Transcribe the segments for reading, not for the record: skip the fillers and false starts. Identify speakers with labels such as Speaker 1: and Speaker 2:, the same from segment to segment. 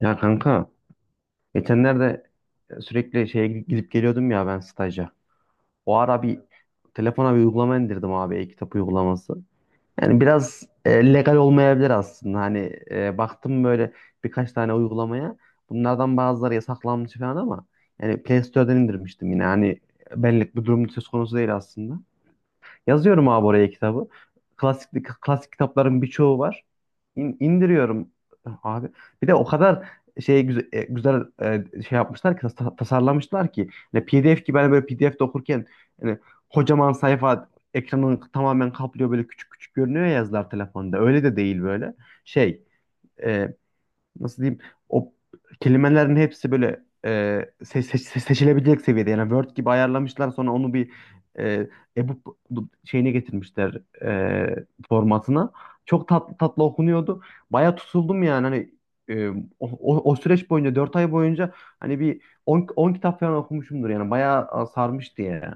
Speaker 1: Ya kanka, geçenlerde sürekli şeye gidip gidip geliyordum ya ben staja. O ara bir telefona bir uygulama indirdim abi, e-kitap uygulaması. Yani biraz legal olmayabilir aslında. Hani baktım böyle birkaç tane uygulamaya. Bunlardan bazıları yasaklanmış falan ama yani Play Store'dan indirmiştim yine. Hani benlik bir durum söz konusu değil aslında. Yazıyorum abi oraya kitabı. Klasik klasik kitapların birçoğu var. İndiriyorum abi. Bir de o kadar şey güzel, güzel, şey yapmışlar ki, tasarlamışlar ki, hani PDF gibi, ben böyle PDF'de okurken hani kocaman sayfa ekranın tamamen kaplıyor, böyle küçük küçük görünüyor ya yazılar telefonda. Öyle de değil böyle. Şey, e, nasıl diyeyim, o kelimelerin hepsi böyle, seçilebilecek seviyede, yani Word gibi ayarlamışlar, sonra onu bir, e, ebook şeyine getirmişler, formatına. Çok tatlı tatlı okunuyordu. Baya tutuldum yani, hani e, o, o süreç boyunca, 4 ay boyunca hani bir 10 kitap falan okumuşumdur yani, bayağı sarmıştı yani.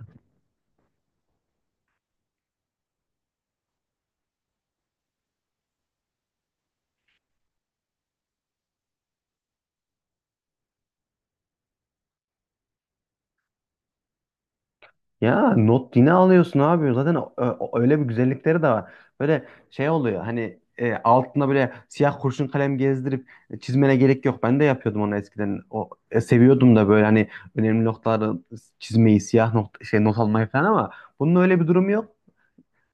Speaker 1: Ya, not yine alıyorsun abi. Zaten öyle bir güzellikleri de var. Böyle şey oluyor hani, altına böyle siyah kurşun kalem gezdirip çizmene gerek yok. Ben de yapıyordum onu eskiden. O, seviyordum da böyle hani önemli noktaları çizmeyi, siyah not, şey, not almayı falan, ama bunun öyle bir durumu yok.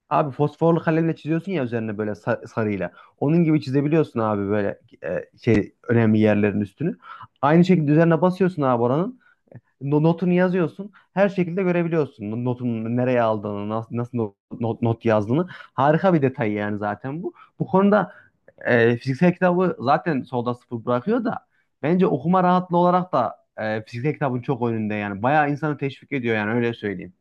Speaker 1: Abi fosforlu kalemle çiziyorsun ya üzerine, böyle sarıyla. Onun gibi çizebiliyorsun abi böyle, şey, önemli yerlerin üstünü. Aynı şekilde üzerine basıyorsun abi, oranın notunu yazıyorsun. Her şekilde görebiliyorsun notun nereye aldığını, nasıl not yazdığını. Harika bir detay yani zaten bu. Bu konuda fiziksel kitabı zaten solda sıfır bırakıyor da, bence okuma rahatlığı olarak da fiziksel kitabın çok önünde yani. Bayağı insanı teşvik ediyor yani, öyle söyleyeyim.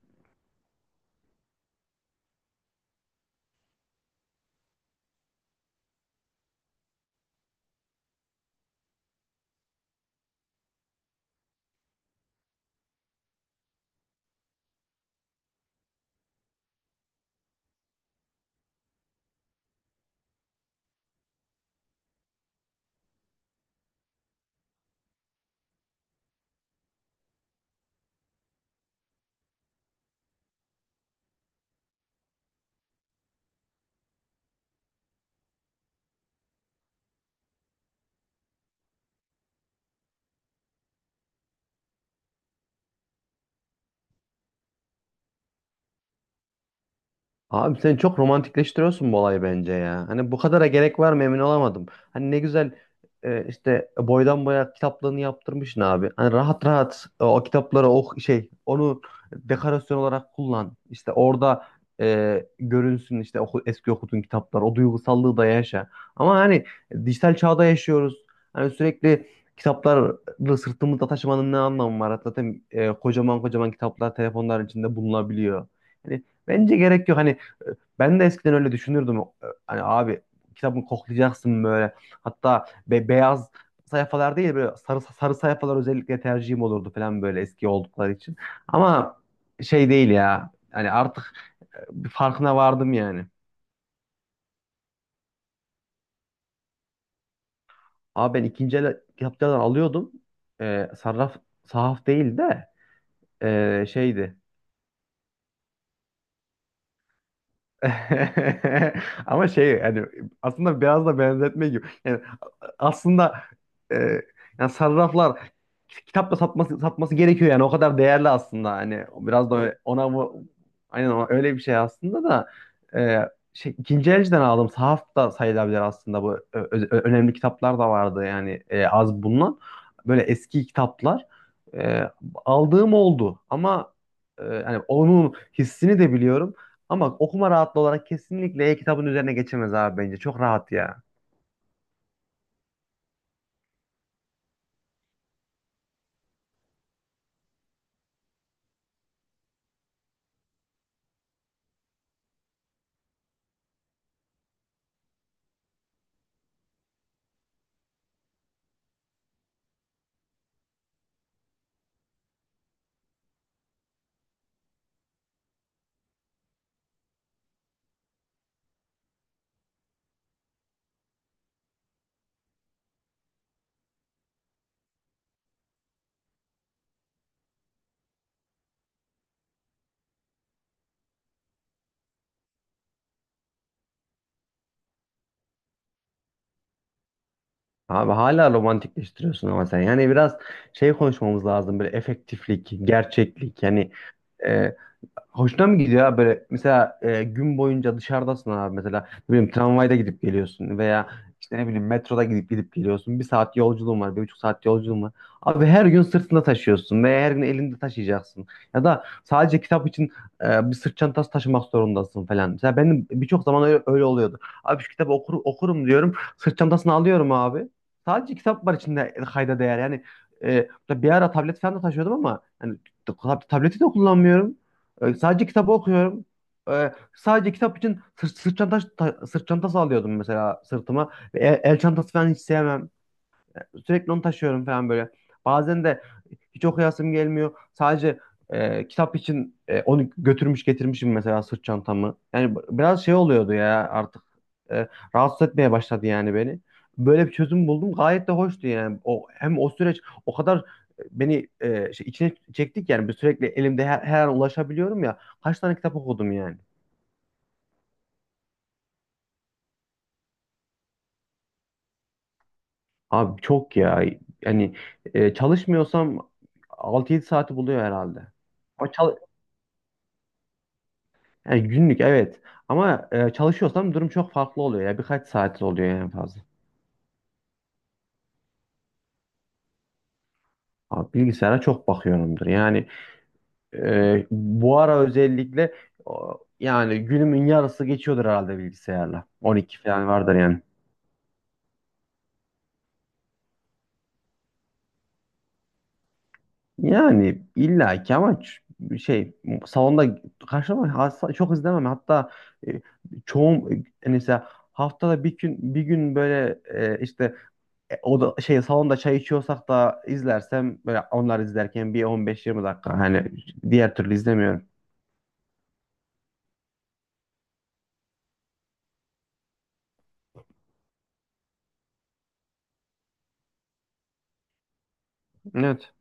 Speaker 1: Abi sen çok romantikleştiriyorsun bu olayı, bence ya. Hani bu kadara gerek var mı emin olamadım. Hani ne güzel, işte boydan boya kitaplığını yaptırmışsın abi. Hani rahat rahat, o kitapları, o şey, onu dekorasyon olarak kullan. İşte orada görünsün, işte oku, eski okuduğun kitaplar, o duygusallığı da yaşa. Ama hani dijital çağda yaşıyoruz. Hani sürekli kitapları sırtımızda taşımanın ne anlamı var? Zaten kocaman kocaman kitaplar telefonların içinde bulunabiliyor. Hani bence gerek yok. Hani ben de eskiden öyle düşünürdüm. Hani abi, kitabını koklayacaksın böyle. Hatta beyaz sayfalar değil, böyle sarı sarı sayfalar özellikle tercihim olurdu falan, böyle eski oldukları için. Ama şey değil ya. Hani artık bir farkına vardım yani. Abi, ben ikinci el kitaplardan alıyordum. Sarraf, sahaf değil de, şeydi. Ama şey yani, aslında biraz da benzetme gibi. Yani aslında, e, yani sarraflar, kitapla satması satması gerekiyor yani, o kadar değerli aslında hani, biraz da evet, ona bu, aynen öyle bir şey aslında da, şey, ikinci elciden aldım, sahaf da sayılabilir aslında bu. Önemli kitaplar da vardı yani, az bulunan böyle eski kitaplar e, aldığım oldu, ama yani onun hissini de biliyorum, ama okuma rahatlığı olarak kesinlikle e-kitabın üzerine geçemez abi, bence çok rahat ya. Abi hala romantikleştiriyorsun ama sen. Yani biraz şey konuşmamız lazım. Böyle efektiflik, gerçeklik. Yani, e, hoşuna mı gidiyor abi? Böyle mesela gün boyunca dışarıdasın abi, mesela ne bileyim, tramvayda gidip geliyorsun veya işte ne bileyim, metroda gidip gidip geliyorsun, bir saat yolculuğun var, bir buçuk saat yolculuğun var abi, her gün sırtında taşıyorsun veya her gün elinde taşıyacaksın, ya da sadece kitap için bir sırt çantası taşımak zorundasın falan. Mesela benim birçok zaman öyle, öyle oluyordu abi, şu kitabı okurum diyorum, sırt çantasını alıyorum abi, sadece kitap var içinde, kayda değer yani. Bir ara tablet falan da taşıyordum ama yani, tableti de kullanmıyorum, sadece kitabı okuyorum. Sadece kitap için sırt çantası alıyordum mesela sırtıma. Ve el çantası falan hiç sevmem. Sürekli onu taşıyorum falan böyle. Bazen de hiç okuyasım gelmiyor. Sadece kitap için, onu götürmüş getirmişim mesela sırt çantamı. Yani biraz şey oluyordu ya, artık e, rahatsız etmeye başladı yani beni. Böyle bir çözüm buldum. Gayet de hoştu yani. O hem o süreç o kadar beni şey, içine çektik yani. Bir sürekli elimde, her an ulaşabiliyorum ya. Kaç tane kitap okudum yani. Abi çok ya. Yani çalışmıyorsam 6-7 saati buluyor herhalde. O çal- Yani günlük, evet. Ama çalışıyorsam durum çok farklı oluyor ya. Birkaç saat oluyor en fazla. Abi, bilgisayara çok bakıyorumdur. Yani bu ara özellikle, yani günümün yarısı geçiyordur herhalde bilgisayarla. 12 falan vardır yani. Yani illa ki, ama şey, salonda karşılama, çok izlemem. Hatta e, çoğum, mesela haftada bir gün bir gün böyle, işte, o da şey, salonda çay içiyorsak da izlersem böyle, onlar izlerken bir 15-20 dakika, hani diğer türlü izlemiyorum. Evet.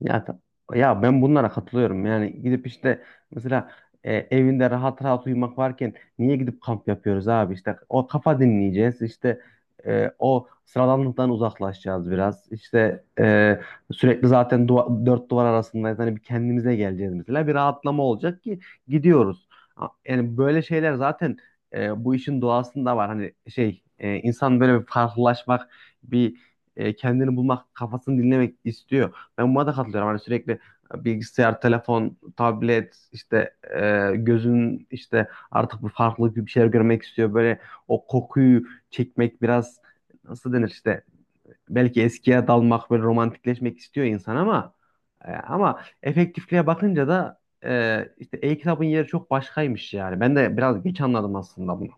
Speaker 1: Ya, ta- Ya ben bunlara katılıyorum. Yani gidip işte, mesela evinde rahat rahat uyumak varken niye gidip kamp yapıyoruz abi? İşte o, kafa dinleyeceğiz. İşte o sıradanlıktan uzaklaşacağız biraz. İşte sürekli zaten dört duvar arasındayız. Hani bir kendimize geleceğiz mesela. Bir rahatlama olacak ki gidiyoruz. Yani böyle şeyler zaten bu işin doğasında var. Hani şey, insan böyle bir farklılaşmak, bir kendini bulmak, kafasını dinlemek istiyor. Ben buna da katılıyorum. Hani sürekli bilgisayar, telefon, tablet, işte gözün işte artık bir farklı bir şeyler görmek istiyor. Böyle o kokuyu çekmek biraz, nasıl denir işte, belki eskiye dalmak, böyle romantikleşmek istiyor insan, ama efektifliğe bakınca da işte e-kitabın yeri çok başkaymış yani. Ben de biraz geç anladım aslında bunu.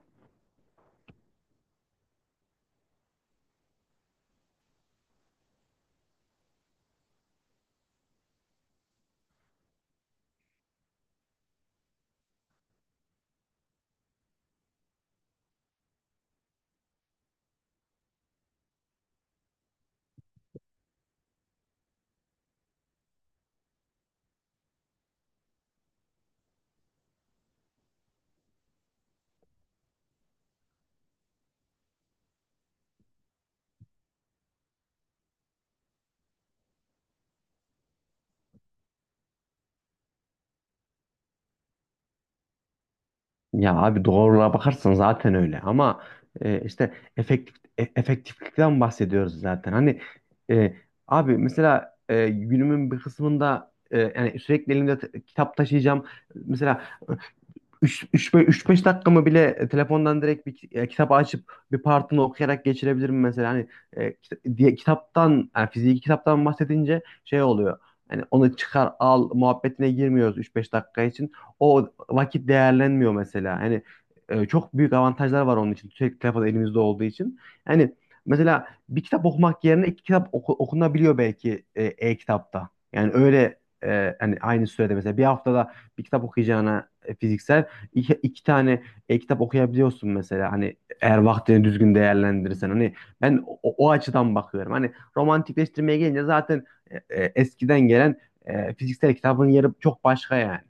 Speaker 1: Ya abi, doğruluğa bakarsan zaten öyle, ama işte efektiflikten bahsediyoruz zaten. Hani e, abi, mesela günümün bir kısmında yani sürekli elimde kitap taşıyacağım. Mesela 3-5 dakikamı bile telefondan direkt bir kitap açıp bir partını okuyarak geçirebilirim mesela. Hani kitaptan, yani fiziki kitaptan bahsedince şey oluyor. Hani onu çıkar al muhabbetine girmiyoruz 3-5 dakika için. O vakit değerlenmiyor mesela. Hani çok büyük avantajlar var onun için. Sürekli telefon elimizde olduğu için. Yani mesela bir kitap okumak yerine iki kitap okunabiliyor belki e-kitapta. Yani öyle, hani aynı sürede mesela bir haftada bir kitap okuyacağına fiziksel iki tane kitap okuyabiliyorsun mesela. Hani eğer vaktini düzgün değerlendirirsen, hani ben o açıdan bakıyorum. Hani romantikleştirmeye gelince zaten e, eskiden gelen fiziksel kitabın yeri çok başka yani.